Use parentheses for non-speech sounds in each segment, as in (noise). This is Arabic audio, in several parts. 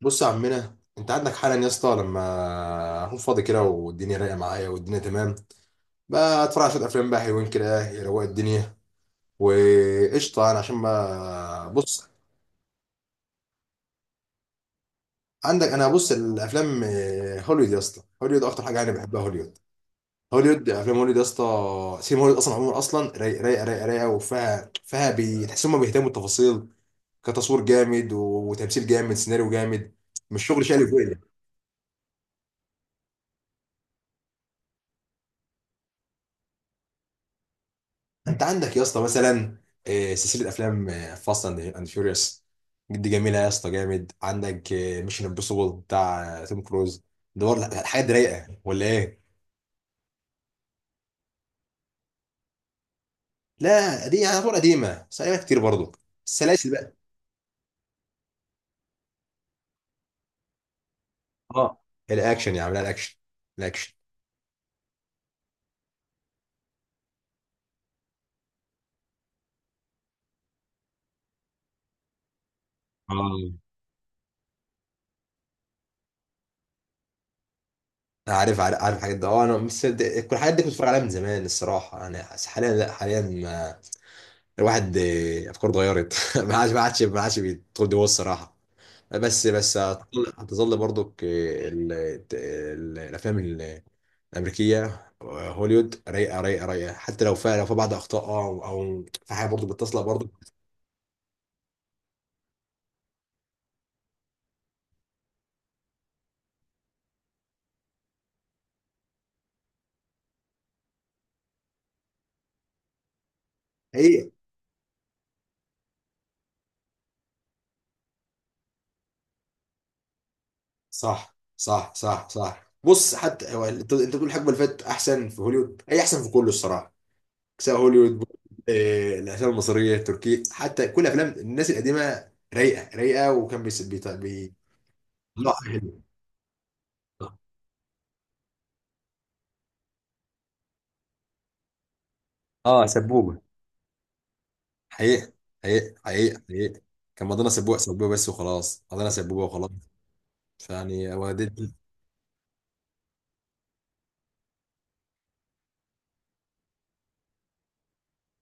بص يا عمنا، انت عندك حالا يا اسطى. لما اكون فاضي كده والدنيا رايقه معايا والدنيا تمام، بقى اتفرج على شويه افلام بقى حلوين كده يروق الدنيا. وقشطه انا عشان ما بص. عندك، انا بص الافلام، هوليوود يا اسطى. هوليوود اكتر حاجه انا بحبها، هوليوود. هوليوود، افلام هوليوود يا اسطى. سينما هوليوود اصلا، عموما اصلا رايقه رايقه رايقه رايقه، وفيها تحس هم بيهتموا بالتفاصيل، كتصوير جامد وتمثيل جامد سيناريو جامد. مش شغل شقلب. انت عندك يا اسطى مثلا سلسله افلام فاست اند فيوريوس، دي جميله يا اسطى جامد. عندك ميشن امبوسيبل بتاع توم كروز، ده برضه حاجات رايقه ولا ايه؟ لا دي يعني طول قديمه، بس قديمه كتير برضه، السلاسل بقى. اه، الاكشن يا عم، لا، الاكشن، الاكشن. اه، عارف عارف عارف الحاجات ده. اه، انا كل الحاجات دي كنت بتفرج عليها من زمان الصراحه يعني. حاليا لا، حاليا الواحد افكاره اتغيرت (laughs) ما عادش ما عادش ما عادش بيدخل جوه الصراحه. بس هتظل برضك، الافلام الامريكيه. هوليوود رايقه رايقه رايقه، حتى لو فيها، لو في بعض اخطاء او في حاجه برضو بتصلح برضو. هي، صح صح صح صح. بص، حتى هو، انت بتقول الحقبه اللي فاتت احسن في هوليوود، هي احسن في كله الصراحه، سواء هوليوود، الافلام المصريه التركيه، حتى كل افلام الناس القديمه رايقه رايقه. لا حلو. اه سبوبه، حقيقه، حقيقه حقيقه حقيقه. كان مضينا سبوبه سبوبه بس وخلاص، مضينا سبوبه وخلاص. فيعني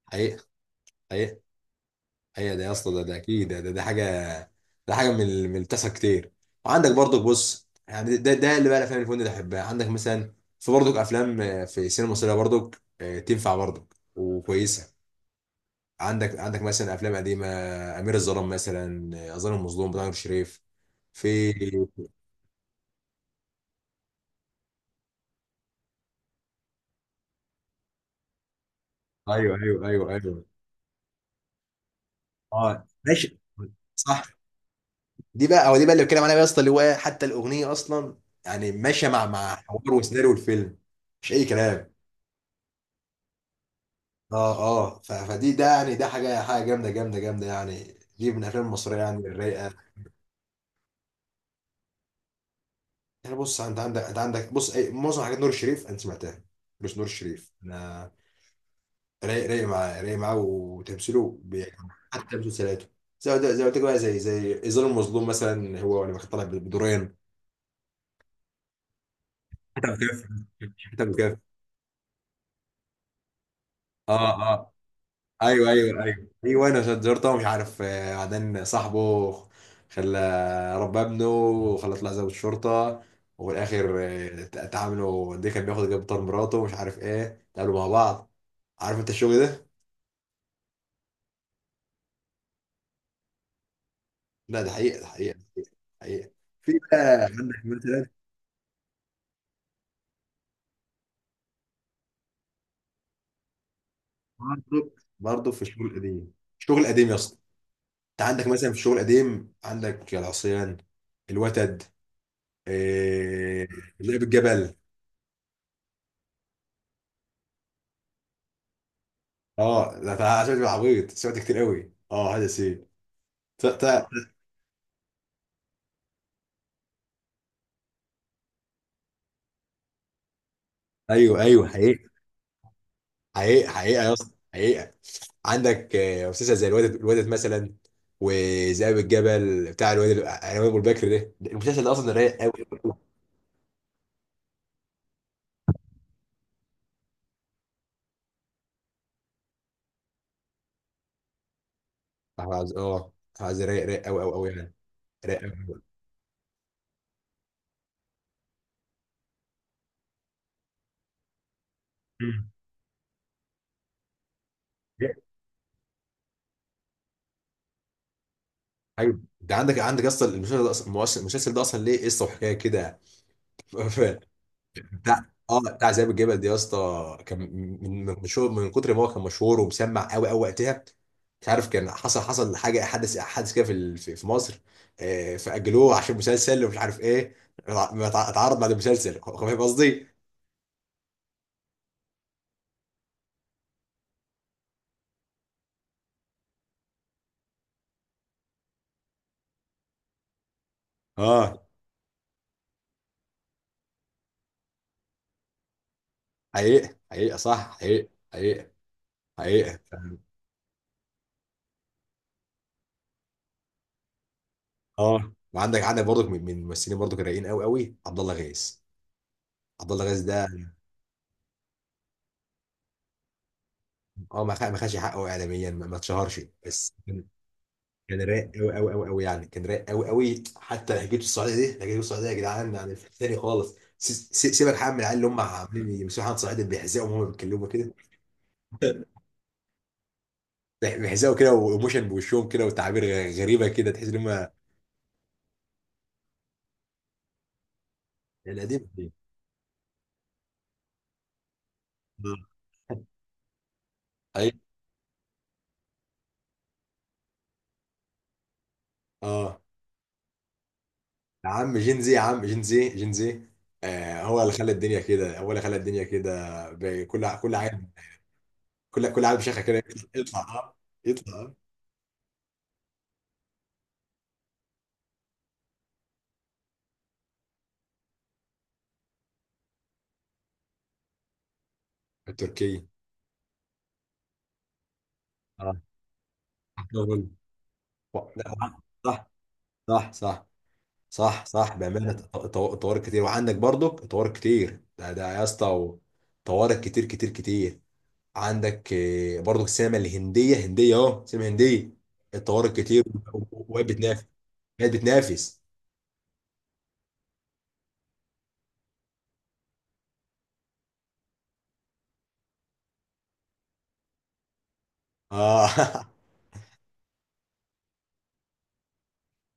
حقيقه، حقيقه، حقيقه. ده يا اسطى، ده اكيد، ده حاجه، ده حاجه من من التسع كتير. وعندك برضك، بص يعني، ده اللي بقى الافلام اللي كنت بحبها عندك مثلا. في برضك افلام، في السينما المصريه برضك، تنفع برضك وكويسه. عندك مثلا افلام قديمه، امير الظلام مثلا، الظالم المظلوم بتاع نور الشريف. في، ايوه ايوه ايوه ايوه. اه ماشي. صح. دي بقى، هو دي بقى اللي بتكلم عليها بقى يا اسطى، اللي هو حتى الاغنيه اصلا يعني ماشيه مع حوار وسيناريو الفيلم، مش اي كلام. اه اه، فدي ده يعني، ده حاجه جامده جامده جامده يعني، دي من الافلام المصريه يعني الرايقه. يعني بص، انت عندك بص، أي معظم حاجات نور الشريف انت سمعتها. بص، نور الشريف انا رايق معاه، رايق معاه وتمثيله بيعجبني. حتى مسلسلاته، زي ما قلت لك بقى، زي ظل المظلوم مثلا، هو لما كان طالع بدورين. حتى مكافح، حتى مكافح. اه اه، ايوه ايوه ايوه ايوه. انا عشان زرته مش عارف، بعدين صاحبه خلى، ربى ابنه وخلى طلع ضابط شرطة، وفي الاخر اتعاملوا دي، كان بياخد جاب طار مراته ومش عارف ايه، اتقابلوا مع بعض. عارف انت الشغل ده؟ لا، ده حقيقة، ده حقيقة، ده حقيقة، حقيقة. في بقى عندك مثلا، برضه، برضه في الشغل القديم، الشغل القديم يا اسطى. انت عندك مثلا في الشغل القديم، عندك العصيان، الوتد، آه، لعب الجبل. اه لا، ده عشان تبقى عبيط سمعت كتير قوي. اه هذا سي، ت- ت- ايوه ايوه، حقيقة، حقيقة حقيقة يا اسطى حقيقة. عندك مسلسل زي الواد مثلا، وذئاب الجبل بتاع الواد، العنوان ابو البكر ده المسلسل ده اصلا رايق قوي. أحمد عز رايق قوي قوي قوي يعني، رايق قوي. ايوه، ده عندك اصلا المسلسل ده اصلا، المسلسل ده اصلا ليه قصه وحكايه كده. (laughs) لا اه، بتاع ذئاب الجبل دي يا اسطى كان من، مشهور، من كتر ما هو كان مشهور ومسمع قوي قوي وقتها. مش عارف، كان حصل حاجه، حدث كده في في مصر، فاجلوه عشان مسلسل ومش عارف ايه. ما اتعرض بعد المسلسل. فاهم قصدي؟ اه، حقيقه حقيقه، صح، حقيقه حقيقه، حقيقه. اه، وعندك برضك، من الممثلين برضك الرايقين قوي قوي، عبد الله غيث. عبد الله غيث ده، اه، ما خدش حقه اعلاميا، ما اتشهرش بس. كان رايق قوي قوي قوي قوي يعني، كان رايق قوي قوي. حتى لهجته السعوديه، دي لهجته السعوديه يا جدعان يعني، في تاني خالص. سيبك يا عم من العيال اللي هم عاملين يمسكوا حد صعيدي بيحزقوا وهم بيتكلموا كده. (laughs) بيحزقوا كده، وايموشن بوشهم كده، وتعابير غريبه كده، تحس ان هم القديم دي. اي اه يا عم جين زي، يا عم جين زي جين زي. آه، هو اللي خلى الدنيا كده، هو اللي خلى الدنيا كده. كل عام، كل عام شيخه كده يطلع، يطلع، التركي. اه لا، صح صح صح صح بأمانة. طوارئ كتير، وعندك برضك طوارئ كتير، ده يا اسطى، طوارئ كتير كتير كتير. عندك برضك السينما الهندية، هندية اهو سينما هندية الطوارئ كتير. وهي بتنافس، هي بتنافس. اه.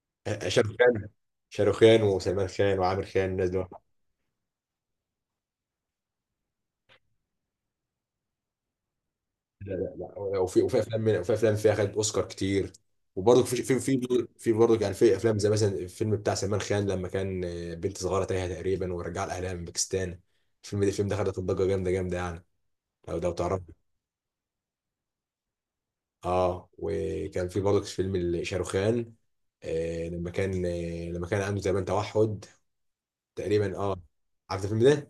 (laughs) شاروخان، شاروخان وسلمان خان وعامر خان الناس دول. لا لا لا، وفي افلام، وفي افلام فيها خدت اوسكار كتير. وبرضه في، في برضه يعني في افلام زي مثلا الفيلم بتاع سلمان خان، لما كان بنت صغيره تايهه تقريبا ورجع لاهلها من باكستان. الفيلم ده خد ضجه جامده جامده يعني، لو ده تعرف. اه، وكان في برضه فيلم شاروخان. لما كان عنده تقريبا توحد، تقريبا. اه عارف الفيلم ده؟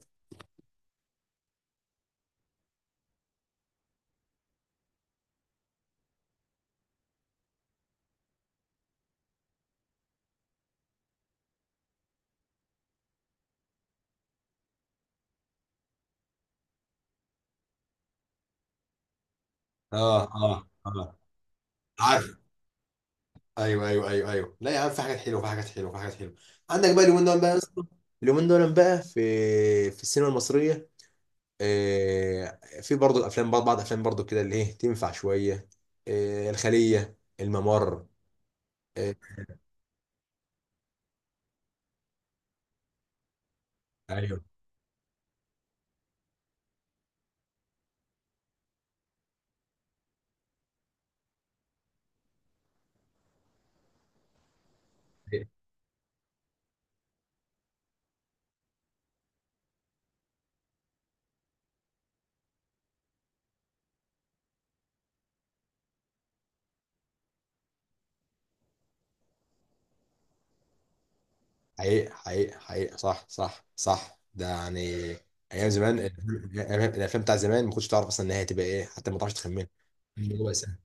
اه اه اه، عارف. ايوه ايوه ايوه ايوه، لا يا عم، في حاجات حلوه، في حاجات حلوه، في حاجات حلوه. عندك بقى اليومين دول بقى يا اسطى، اليومين دول بقى في، في السينما المصريه، في برضه الافلام، بعض افلام برضه كده، اللي ايه، تنفع شويه، الخليه، الممر. آه، ايوه حقيقة حقيقة حقيقة، صح صح صح ده يعني، ايام زمان الأفلام بتاع زمان ما كنتش تعرف اصلا النهايه هتبقى ايه، حتى ما تعرفش تخمنها. الموضوع بقى سهل.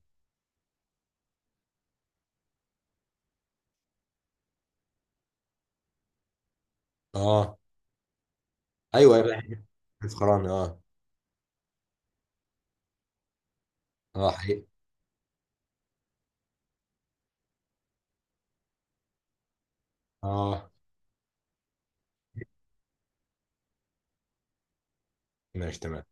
اه ايوه ايوه الفخراني، اه، اه حقيقة. اه ماشي تمام.